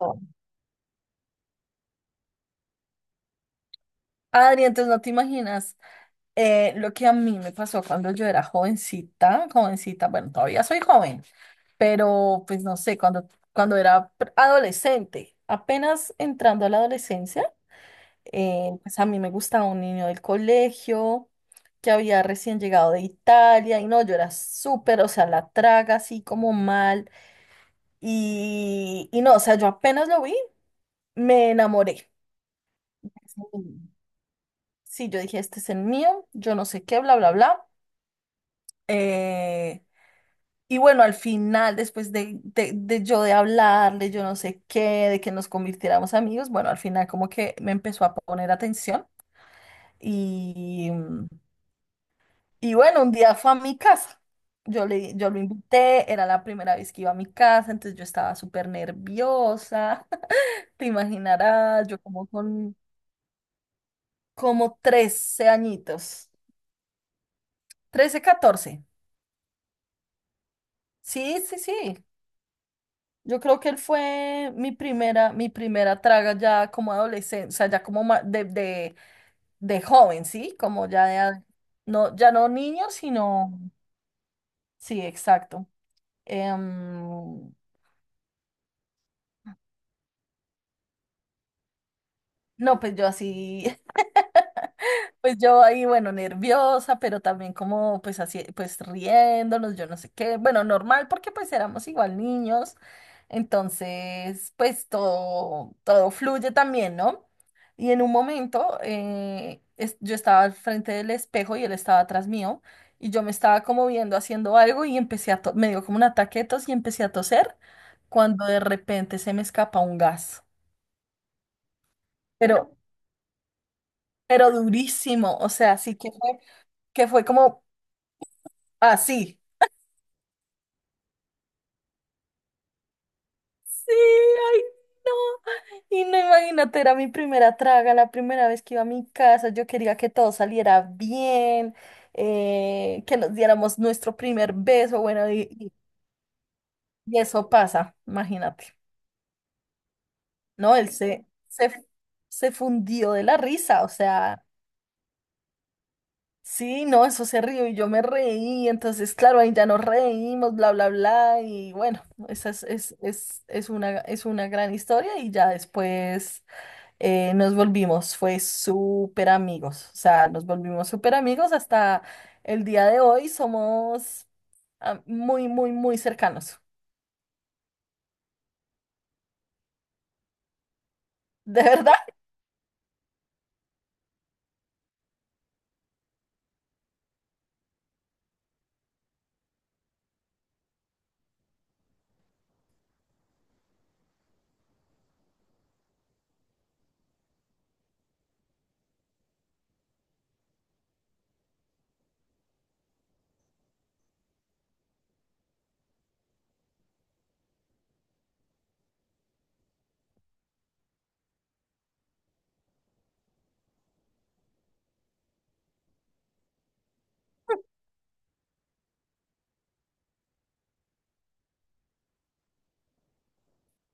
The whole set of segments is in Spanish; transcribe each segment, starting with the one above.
Oh. Adri, entonces no te imaginas lo que a mí me pasó cuando yo era jovencita, jovencita, bueno, todavía soy joven, pero pues no sé, cuando era adolescente, apenas entrando a la adolescencia. Pues a mí me gustaba un niño del colegio que había recién llegado de Italia y no, yo era súper, o sea, la traga así como mal y, no, o sea, yo apenas lo vi, me enamoré. Sí, yo dije, este es el mío, yo no sé qué, bla, bla, bla. Eh, y bueno, al final, después de yo de hablarle, yo no sé qué, de que nos convirtiéramos amigos, bueno, al final como que me empezó a poner atención y, y bueno, un día fue a mi casa. Yo le, yo lo invité, era la primera vez que iba a mi casa, entonces yo estaba súper nerviosa. Te imaginarás, yo como con como 13 añitos, 13 catorce. Sí, sí, sí. Yo creo que él fue mi primera traga ya como adolescente, o sea, ya como de joven, ¿sí? Como ya de, no, ya no niño, sino, sí, exacto. Em, no, pues yo así. Pues yo ahí, bueno, nerviosa, pero también como pues así, pues riéndonos, yo no sé qué, bueno, normal porque pues éramos igual niños, entonces pues todo, todo fluye también, ¿no? Y en un momento yo estaba al frente del espejo y él estaba atrás mío y yo me estaba como viendo haciendo algo y empecé me dio como un ataque de tos y empecé a toser cuando de repente se me escapa un gas, pero, pero durísimo, o sea, sí que fue como así. Sí, ay, no. Y no, imagínate, era mi primera traga, la primera vez que iba a mi casa. Yo quería que todo saliera bien, que nos diéramos nuestro primer beso. Bueno, y eso pasa, imagínate. No, él se fundió de la risa, o sea, sí, no, eso se rió y yo me reí. Entonces, claro, ahí ya nos reímos, bla, bla, bla. Y bueno, esa es una gran historia y ya después. Nos volvimos, fue súper amigos, o sea, nos volvimos súper amigos hasta el día de hoy, somos muy, muy, muy cercanos. De verdad,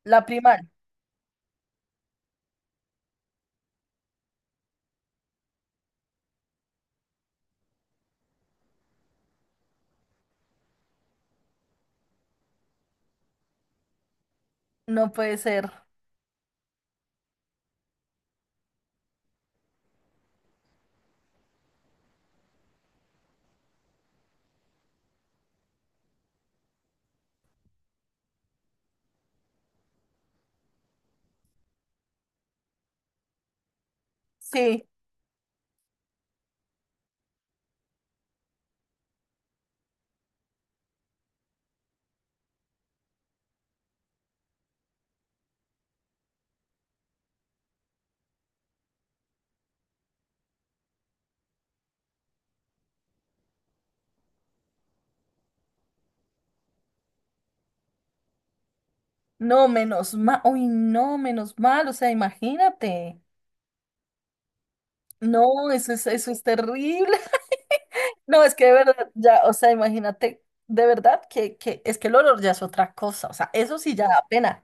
la primaria, no puede ser. Sí, no, menos mal, uy, no, menos mal, o sea, imagínate. No, eso es terrible. No, es que de verdad, ya, o sea, imagínate, de verdad que es que el olor ya es otra cosa, o sea, eso sí ya da pena.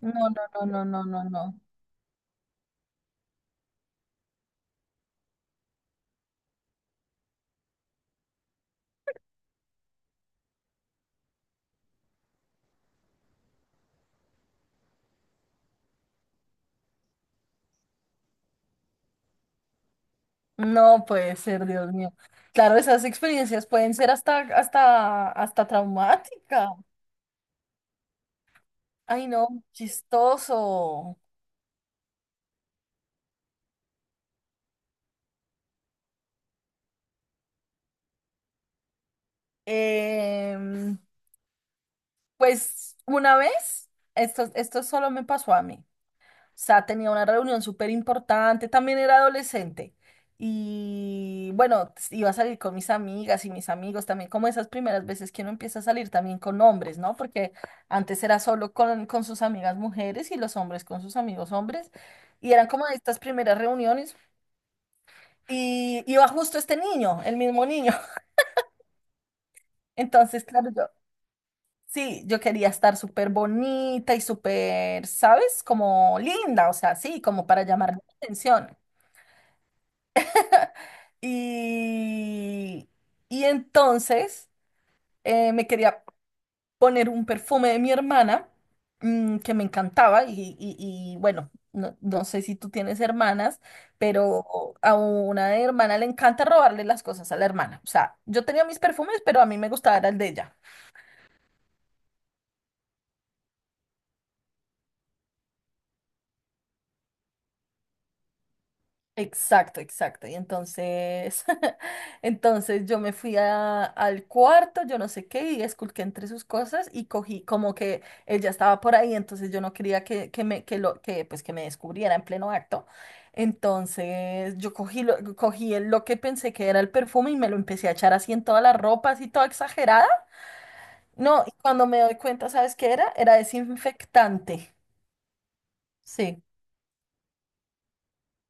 No, no, no, no, no, no, no. No puede ser, Dios mío. Claro, esas experiencias pueden ser hasta, hasta, hasta traumáticas. Ay, no, chistoso. Em, pues una vez, esto solo me pasó a mí. Sea, tenía una reunión súper importante, también era adolescente. Y bueno, iba a salir con mis amigas y mis amigos también, como esas primeras veces que uno empieza a salir también con hombres, ¿no? Porque antes era solo con sus amigas mujeres y los hombres con sus amigos hombres. Y eran como estas primeras reuniones. Y iba justo este niño, el mismo niño. Entonces, claro, yo, sí, yo quería estar súper bonita y súper, ¿sabes? Como linda, o sea, sí, como para llamar la atención. Y, y entonces me quería poner un perfume de mi hermana que me encantaba y, bueno, no, no sé si tú tienes hermanas, pero a una hermana le encanta robarle las cosas a la hermana. O sea, yo tenía mis perfumes, pero a mí me gustaba era el de ella. Exacto, exacto. Y entonces, entonces yo me fui al cuarto, yo no sé qué, y esculqué entre sus cosas y cogí como que ella estaba por ahí, entonces yo no quería que me, que lo, que, pues, que me descubriera en pleno acto. Entonces yo cogí lo que pensé que era el perfume y me lo empecé a echar así en toda la ropa, así toda exagerada. No, y cuando me doy cuenta, ¿sabes qué era? Era desinfectante. Sí.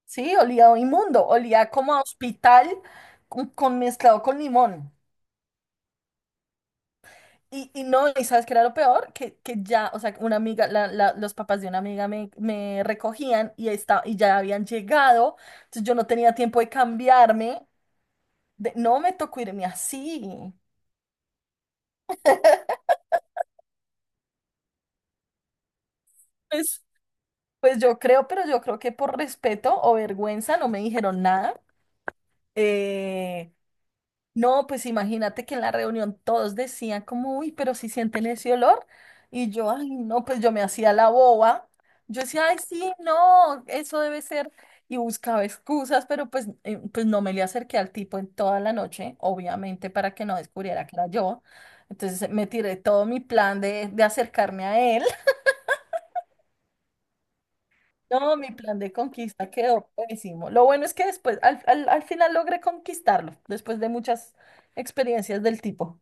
Sí, olía inmundo, olía como a hospital con, mezclado con limón. Y no, ¿y sabes qué era lo peor? Que ya, o sea, una amiga, los papás de una amiga me recogían y, y ya habían llegado, entonces yo no tenía tiempo de cambiarme. No me tocó irme así. Pues, pues yo creo, pero yo creo que por respeto o vergüenza no me dijeron nada. Eh, No, pues imagínate que en la reunión todos decían como, uy, pero si sienten ese olor. Y yo, ay, no, pues yo me hacía la boba. Yo decía, ay, sí, no, eso debe ser. Y buscaba excusas, pero pues, pues no me le acerqué al tipo en toda la noche, obviamente, para que no descubriera que era yo. Entonces me tiré todo mi plan de acercarme a él. No, mi plan de conquista quedó pésimo. Lo bueno es que después, al final logré conquistarlo, después de muchas experiencias del tipo.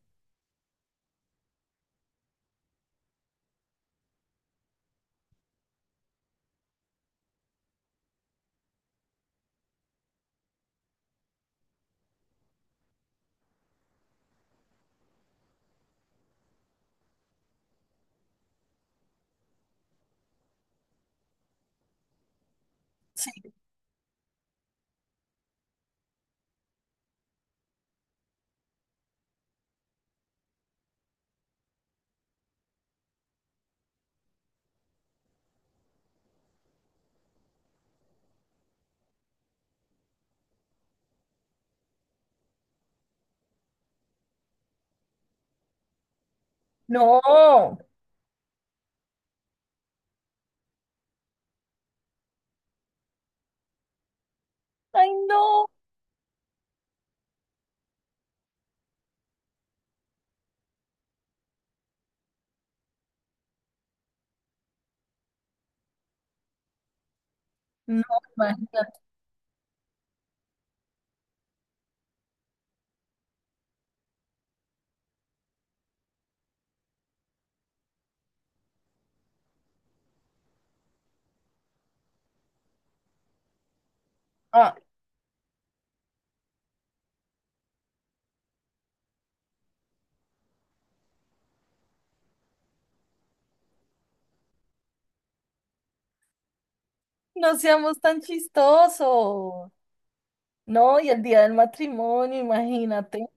Sí. No, ay, no, no, imagínate. Ah, no seamos tan chistosos. No, y el día del matrimonio, imagínate.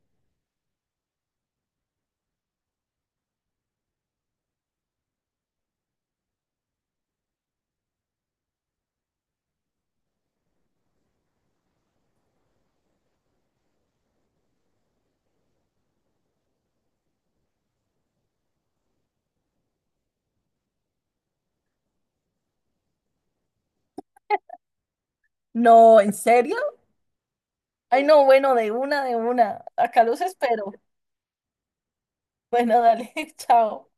No, ¿en serio? Ay, no, bueno, de una, de una. Acá los espero. Bueno, dale, chao.